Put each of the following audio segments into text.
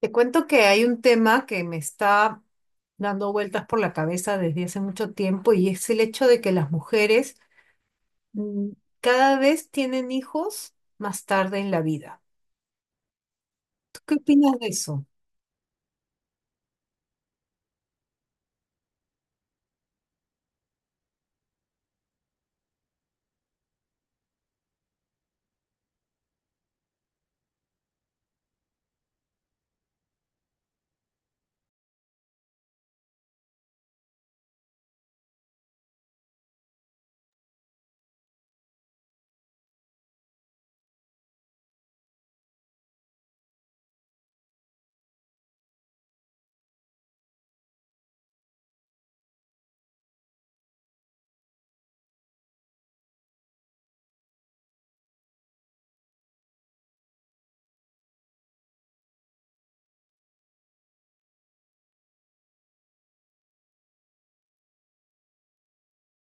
Te cuento que hay un tema que me está dando vueltas por la cabeza desde hace mucho tiempo y es el hecho de que las mujeres mm, cada vez tienen hijos más tarde en la vida. ¿Tú qué opinas de eso?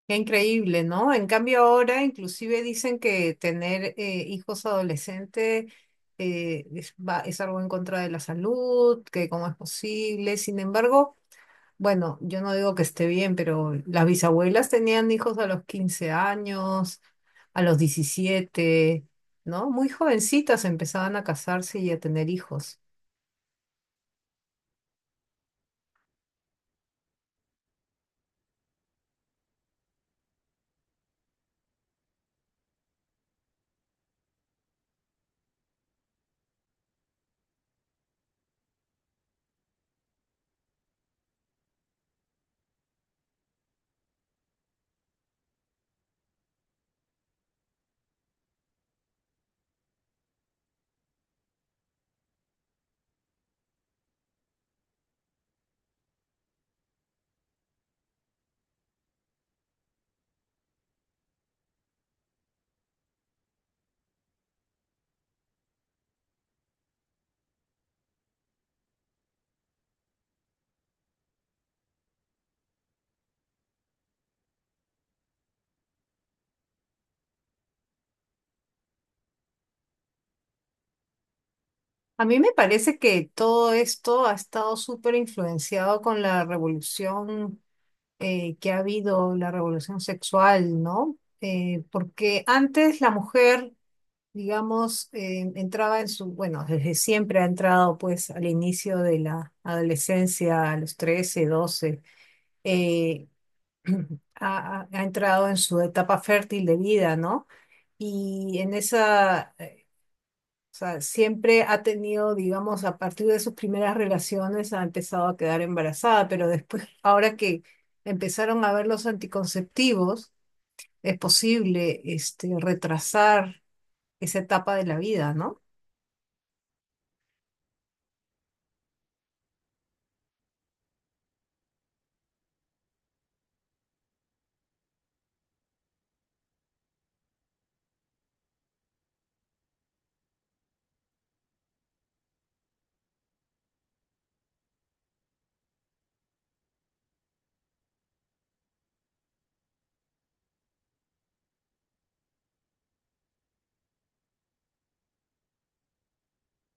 Qué increíble, ¿no? En cambio ahora inclusive dicen que tener hijos adolescentes es, es algo en contra de la salud, que cómo es posible. Sin embargo, bueno, yo no digo que esté bien, pero las bisabuelas tenían hijos a los 15 años, a los 17, ¿no? Muy jovencitas empezaban a casarse y a tener hijos. A mí me parece que todo esto ha estado súper influenciado con la revolución que ha habido, la revolución sexual, ¿no? Porque antes la mujer, digamos, entraba en su, bueno, desde siempre ha entrado pues al inicio de la adolescencia, a los 13 doce, eh, ha entrado en su etapa fértil de vida, ¿no? Y en esa, o sea, siempre ha tenido, digamos, a partir de sus primeras relaciones ha empezado a quedar embarazada, pero después, ahora que empezaron a ver los anticonceptivos, es posible, retrasar esa etapa de la vida, ¿no?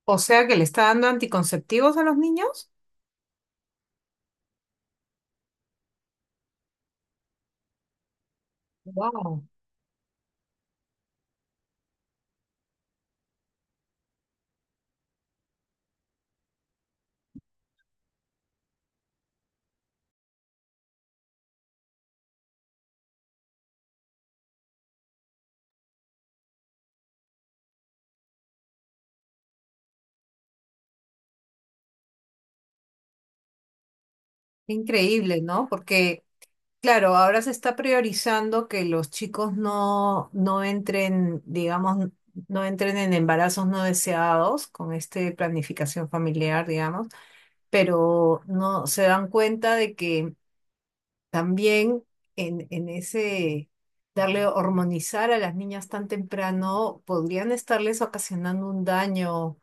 O sea que le está dando anticonceptivos a los niños. Wow, increíble, ¿no? Porque, claro, ahora se está priorizando que los chicos no entren, digamos, no entren en embarazos no deseados con esta planificación familiar, digamos, pero no se dan cuenta de que también en ese darle hormonizar a las niñas tan temprano podrían estarles ocasionando un daño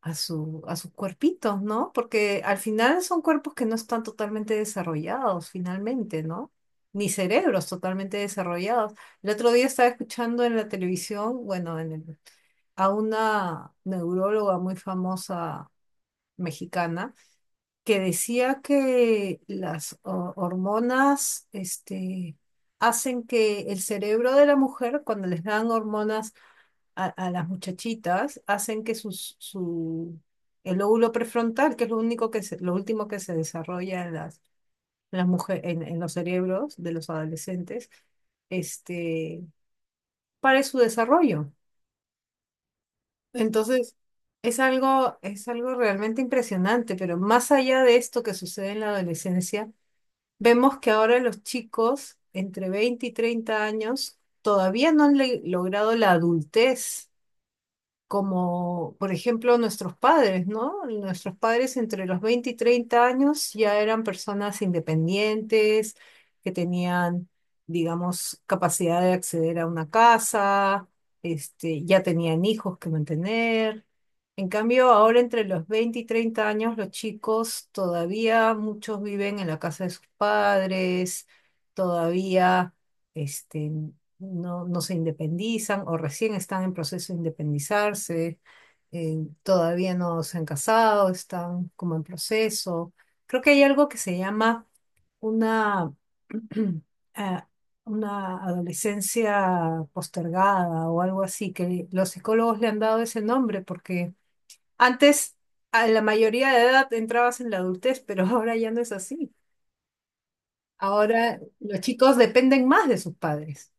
a su, a sus cuerpitos, ¿no? Porque al final son cuerpos que no están totalmente desarrollados, finalmente, ¿no? Ni cerebros totalmente desarrollados. El otro día estaba escuchando en la televisión, bueno, en a una neuróloga muy famosa mexicana que decía que las hormonas, hacen que el cerebro de la mujer, cuando les dan hormonas a las muchachitas, hacen que sus, su, el lóbulo prefrontal, que es lo único lo último que se desarrolla en las mujer en los cerebros de los adolescentes, este, pare su desarrollo. Entonces, es algo realmente impresionante, pero más allá de esto que sucede en la adolescencia, vemos que ahora los chicos entre 20 y 30 años todavía no han logrado la adultez como por ejemplo nuestros padres, ¿no? Nuestros padres entre los 20 y 30 años ya eran personas independientes, que tenían, digamos, capacidad de acceder a una casa, ya tenían hijos que mantener. En cambio, ahora entre los 20 y 30 años, los chicos todavía, muchos viven en la casa de sus padres, todavía, este, no se independizan o recién están en proceso de independizarse, eh, todavía no se han casado, están como en proceso. Creo que hay algo que se llama una, ah, una adolescencia postergada o algo así, que los psicólogos le han dado ese nombre porque antes a la mayoría de edad entrabas en la adultez, pero ahora ya no es así. Ahora los chicos dependen más de sus padres.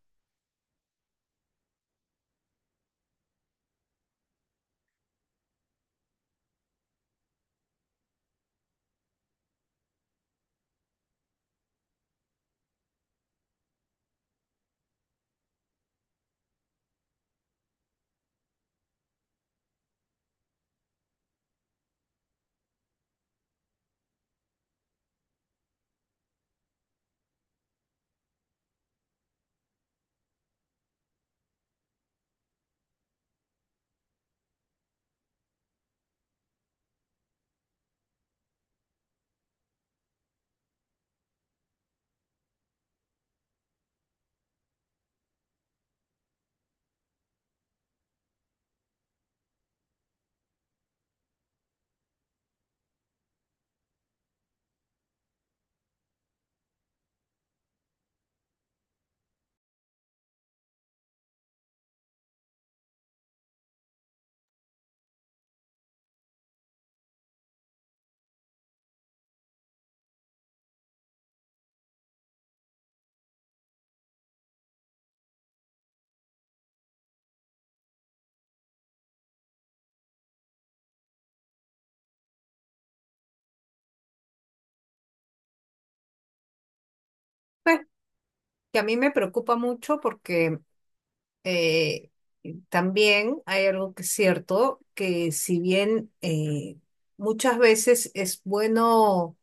Que a mí me preocupa mucho porque eh, también hay algo que es cierto, que si bien, muchas veces es bueno,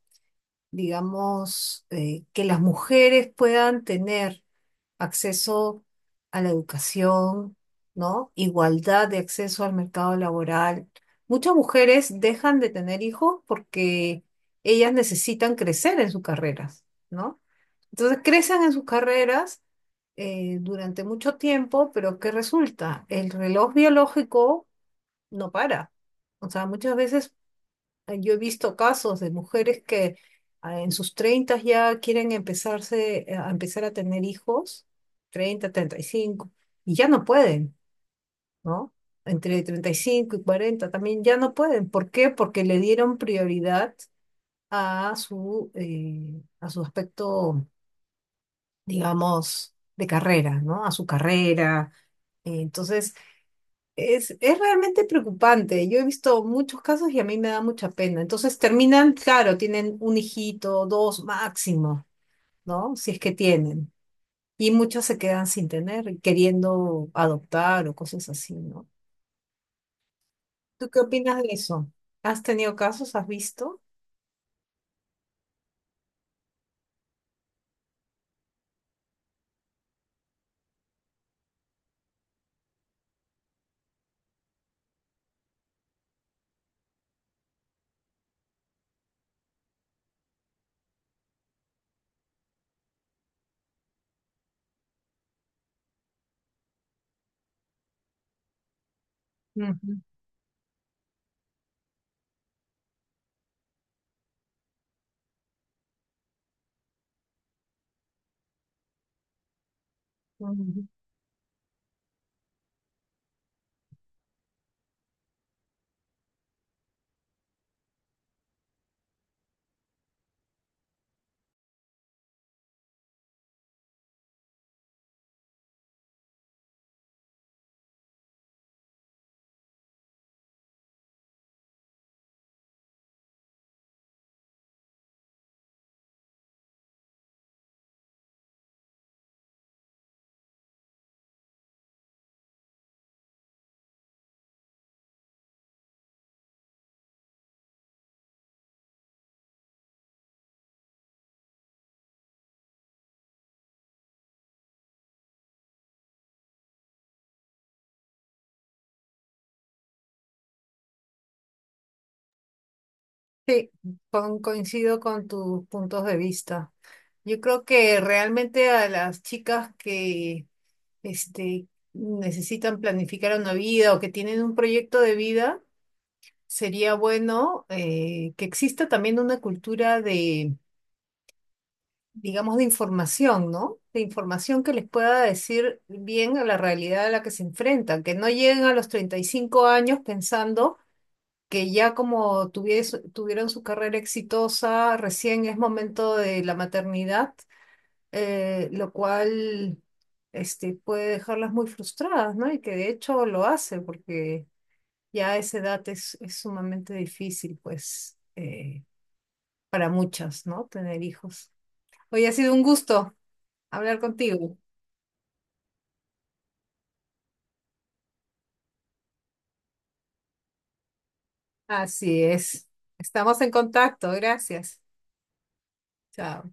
digamos, que las mujeres puedan tener acceso a la educación, ¿no? Igualdad de acceso al mercado laboral. Muchas mujeres dejan de tener hijos porque ellas necesitan crecer en sus carreras, ¿no? Entonces crecen en sus carreras durante mucho tiempo, pero ¿qué resulta? El reloj biológico no para. O sea, muchas veces, yo he visto casos de mujeres que en sus 30 ya quieren empezar a tener hijos, 30, 35, y ya no pueden, ¿no? Entre 35 y 40 también ya no pueden. ¿Por qué? Porque le dieron prioridad a su aspecto, digamos, de carrera, ¿no? A su carrera. Entonces, es realmente preocupante. Yo he visto muchos casos y a mí me da mucha pena. Entonces, terminan, claro, tienen un hijito, dos máximo, ¿no? Si es que tienen. Y muchos se quedan sin tener, y queriendo adoptar o cosas así, ¿no? ¿Tú qué opinas de eso? ¿Has tenido casos? ¿Has visto? Ujú, ujú. Con- coincido con tus puntos de vista. Yo creo que realmente a las chicas que, este, necesitan planificar una vida o que tienen un proyecto de vida, sería bueno que exista también una cultura de, digamos, de información, ¿no? De información que les pueda decir bien a la realidad a la que se enfrentan, que no lleguen a los 35 años pensando que ya como tuvieron su carrera exitosa, recién es momento de la maternidad, lo cual, puede dejarlas muy frustradas, ¿no? Y que de hecho lo hace, porque ya a esa edad es sumamente difícil, pues, para muchas, ¿no? Tener hijos. Hoy ha sido un gusto hablar contigo. Así es. Estamos en contacto. Gracias. Chao.